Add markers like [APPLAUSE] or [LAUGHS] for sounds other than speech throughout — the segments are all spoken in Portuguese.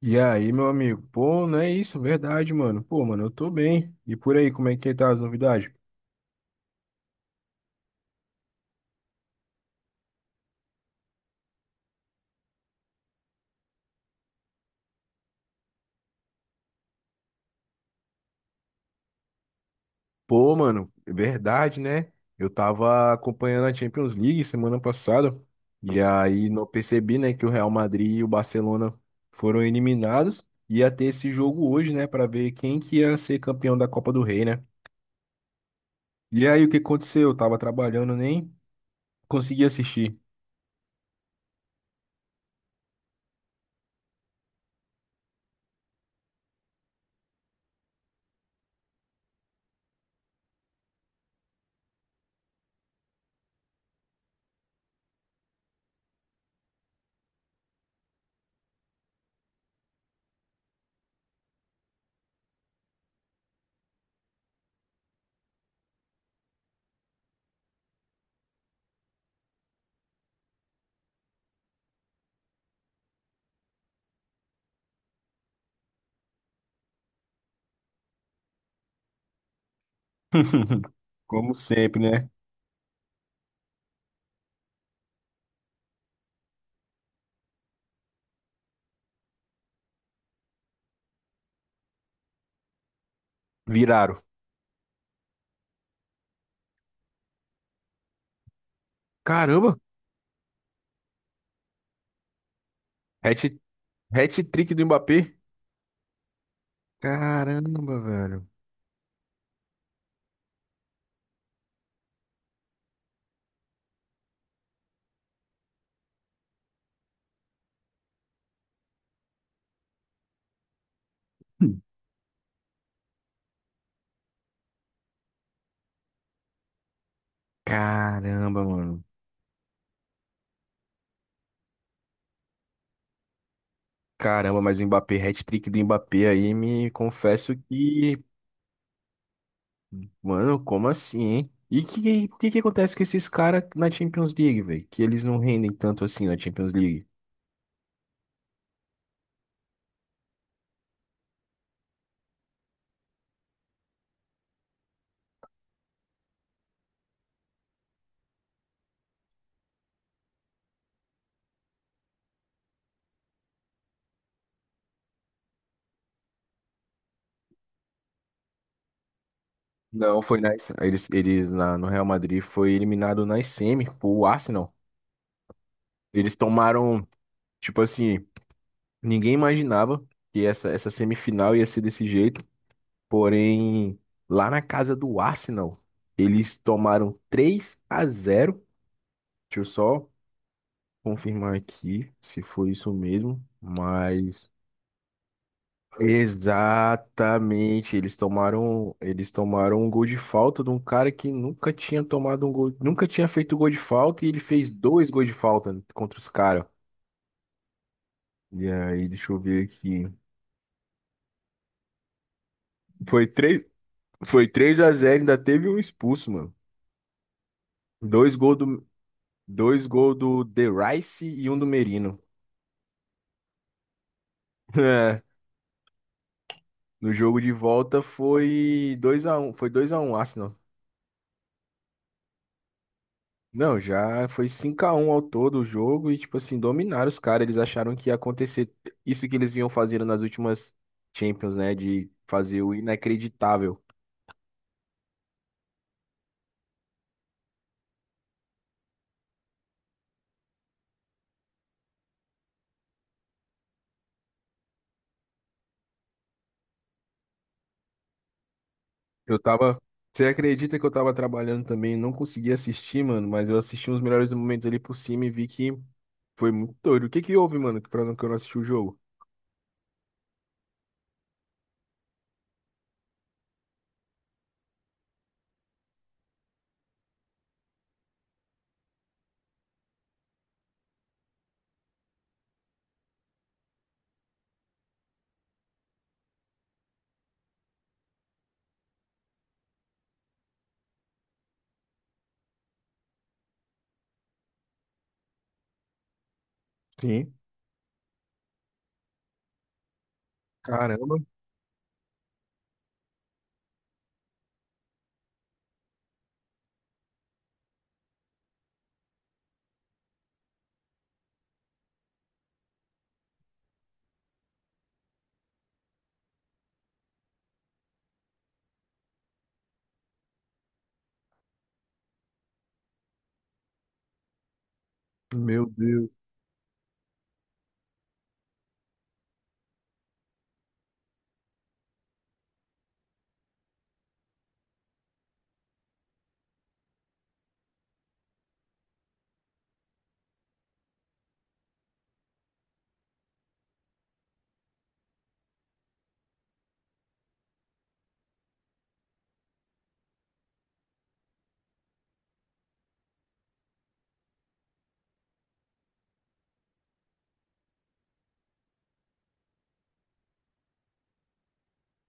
E aí, meu amigo? Pô, não é isso, verdade, mano. Pô, mano, eu tô bem. E por aí, como é que tá as novidades? Pô, mano, é verdade, né? Eu tava acompanhando a Champions League semana passada e aí não percebi, né, que o Real Madrid e o Barcelona foram eliminados. Ia ter esse jogo hoje, né, pra ver quem que ia ser campeão da Copa do Rei, né? E aí, o que aconteceu? Eu tava trabalhando, nem consegui assistir. [LAUGHS] Como sempre, né? Viraram. Caramba, hat, hat-trick do Mbappé. Caramba, velho. Hum. Caramba, mano. Caramba, mas o Mbappé, hat-trick do Mbappé aí, me confesso que, mano, como assim, hein? O que que acontece com esses caras na Champions League, velho? Que eles não rendem tanto assim na Champions League. Não, eles no Real Madrid foi eliminado na semi pro Arsenal. Eles tomaram, tipo assim, ninguém imaginava que essa semifinal ia ser desse jeito. Porém, lá na casa do Arsenal, eles tomaram 3-0. Deixa eu só confirmar aqui se foi isso mesmo, mas exatamente, eles tomaram um gol de falta de um cara que nunca tinha tomado um gol, nunca tinha feito gol de falta e ele fez dois gols de falta contra os caras. E aí, deixa eu ver aqui. Foi 3 foi 3-0. Ainda teve um expulso, mano. Dois gols do, Dois gols do The Rice e um do Merino. [LAUGHS] É. No jogo de volta foi 2-1 Arsenal. Não, já foi 5-1 ao todo o jogo e, tipo assim, dominaram os caras. Eles acharam que ia acontecer isso que eles vinham fazendo nas últimas Champions, né? De fazer o inacreditável. Eu tava. Você acredita que eu tava trabalhando também? Não consegui assistir, mano, mas eu assisti uns melhores momentos ali por cima e vi que foi muito doido. O que que houve, mano, que pra não que eu não assisti o jogo? Sim. Caramba. Meu Deus.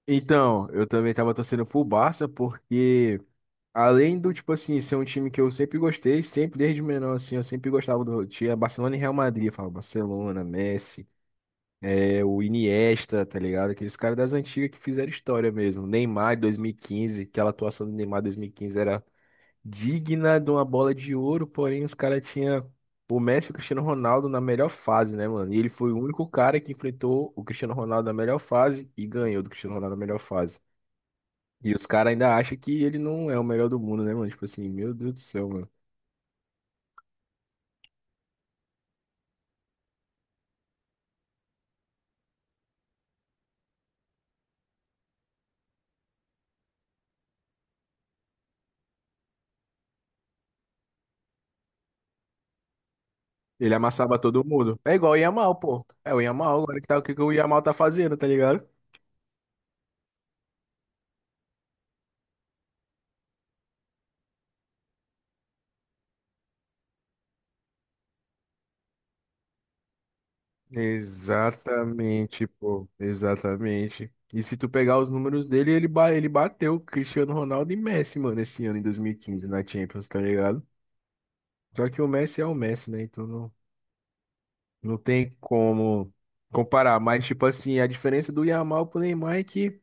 Então, eu também tava torcendo pro Barça, porque além do, tipo assim, ser um time que eu sempre gostei, sempre desde menor, assim, eu sempre gostava do. Tinha Barcelona e Real Madrid, eu falava Barcelona, Messi, é, o Iniesta, tá ligado? Aqueles caras das antigas que fizeram história mesmo. Neymar 2015, aquela atuação do Neymar 2015 era digna de uma bola de ouro, porém os caras tinham o Messi e o Cristiano Ronaldo na melhor fase, né, mano? E ele foi o único cara que enfrentou o Cristiano Ronaldo na melhor fase e ganhou do Cristiano Ronaldo na melhor fase. E os caras ainda acham que ele não é o melhor do mundo, né, mano? Tipo assim, meu Deus do céu, mano. Ele amassava todo mundo. É igual o Yamal, pô. É o Yamal agora que tá, o que que o Yamal tá fazendo, tá ligado? Exatamente, pô. Exatamente. E se tu pegar os números dele, ele bateu Cristiano Ronaldo e Messi, mano, esse ano em 2015 na Champions, tá ligado? Só que o Messi é o Messi, né? Então não, não tem como comparar. Mas, tipo assim, a diferença do Yamal pro Neymar é que.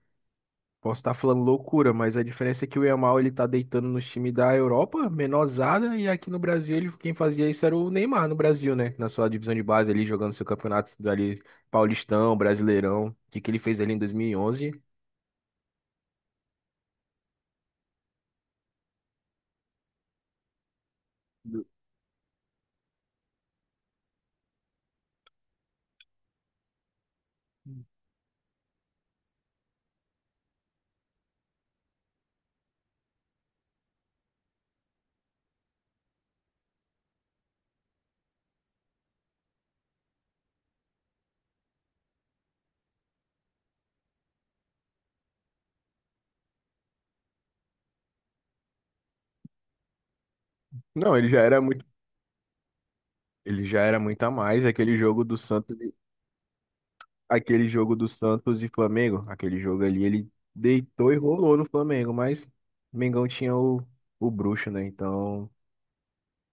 Posso estar falando loucura, mas a diferença é que o Yamal ele tá deitando no time da Europa, menorzada, e aqui no Brasil ele, quem fazia isso era o Neymar no Brasil, né? Na sua divisão de base ali, jogando seu campeonato ali, Paulistão, Brasileirão, o que que ele fez ali em 2011? Não, ele já era muito a mais, aquele jogo do Santos e Flamengo, aquele jogo ali ele deitou e rolou no Flamengo, mas Mengão tinha o bruxo, né? Então.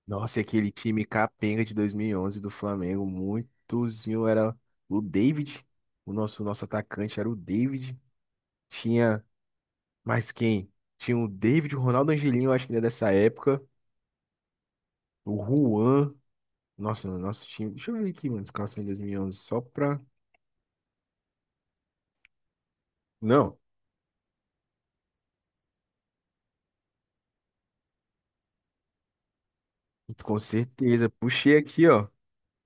Nossa, e aquele time capenga de 2011 do Flamengo, muitozinho era o David, o nosso atacante era o David. Tinha mais quem? Tinha o David, o Ronaldo Angelinho, eu acho que ele é dessa época, o Juan. Nossa, o nosso time. Deixa eu ver aqui, mano, escalação de 2011. Só pra Não, com certeza. Puxei aqui, ó.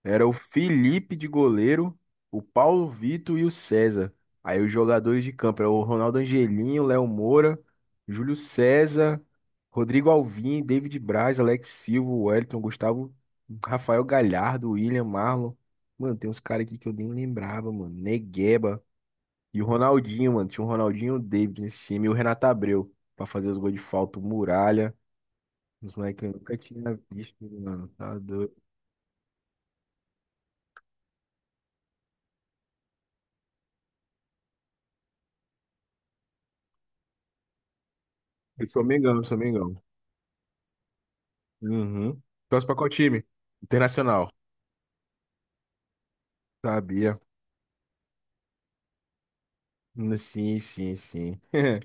Era o Felipe de goleiro, o Paulo Vitor e o César. Aí os jogadores de campo, era o Ronaldo Angelinho, Léo Moura, Júlio César, Rodrigo Alvim, David Braz, Alex Silva, Wellington, Gustavo, Rafael Galhardo, William Marlon. Mano, tem uns caras aqui que eu nem lembrava, mano. Negueba. E o Ronaldinho, mano. Tinha o Ronaldinho e o David nesse time. E o Renato Abreu, pra fazer os gols de falta, o Muralha. Os moleques que eu nunca tinha visto, mano. Tá doido. Eu sou Mengão, eu sou Mengão. Uhum. Torce pra qual time? Internacional. Sabia. Sim, sim, sim. [LAUGHS]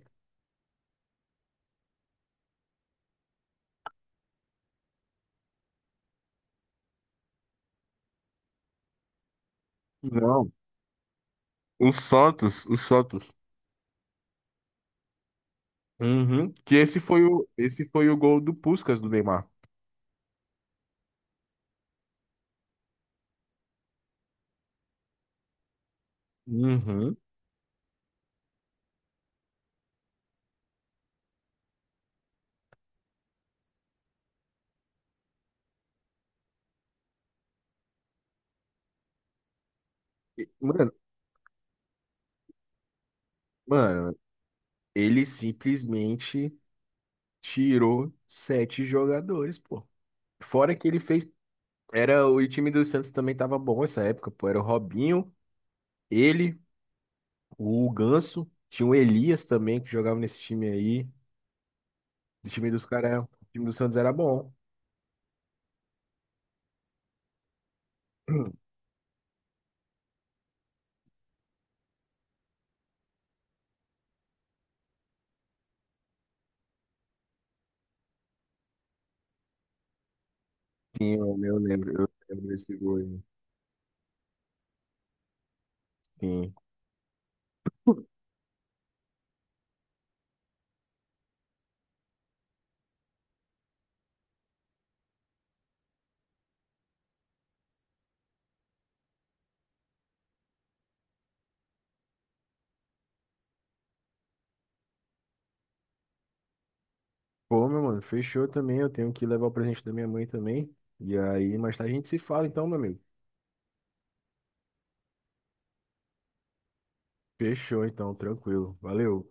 Não. O Santos, o Santos. Uhum. Que esse foi o gol do Puskás do Neymar. Uhum. E- Mano, mano, ele simplesmente tirou sete jogadores, pô. Fora que ele fez. Era, o time do Santos também tava bom essa época, pô. Era o Robinho, ele, o Ganso, tinha o Elias também que jogava nesse time aí. O time dos caras, o time do Santos era bom. [CLEARS THROAT] Sim, eu lembro desse gol aí. Sim. Pô, meu mano, fechou também. Eu tenho que levar o presente da minha mãe também. E aí, mais tarde a gente se fala então, meu amigo. Fechou então, tranquilo. Valeu.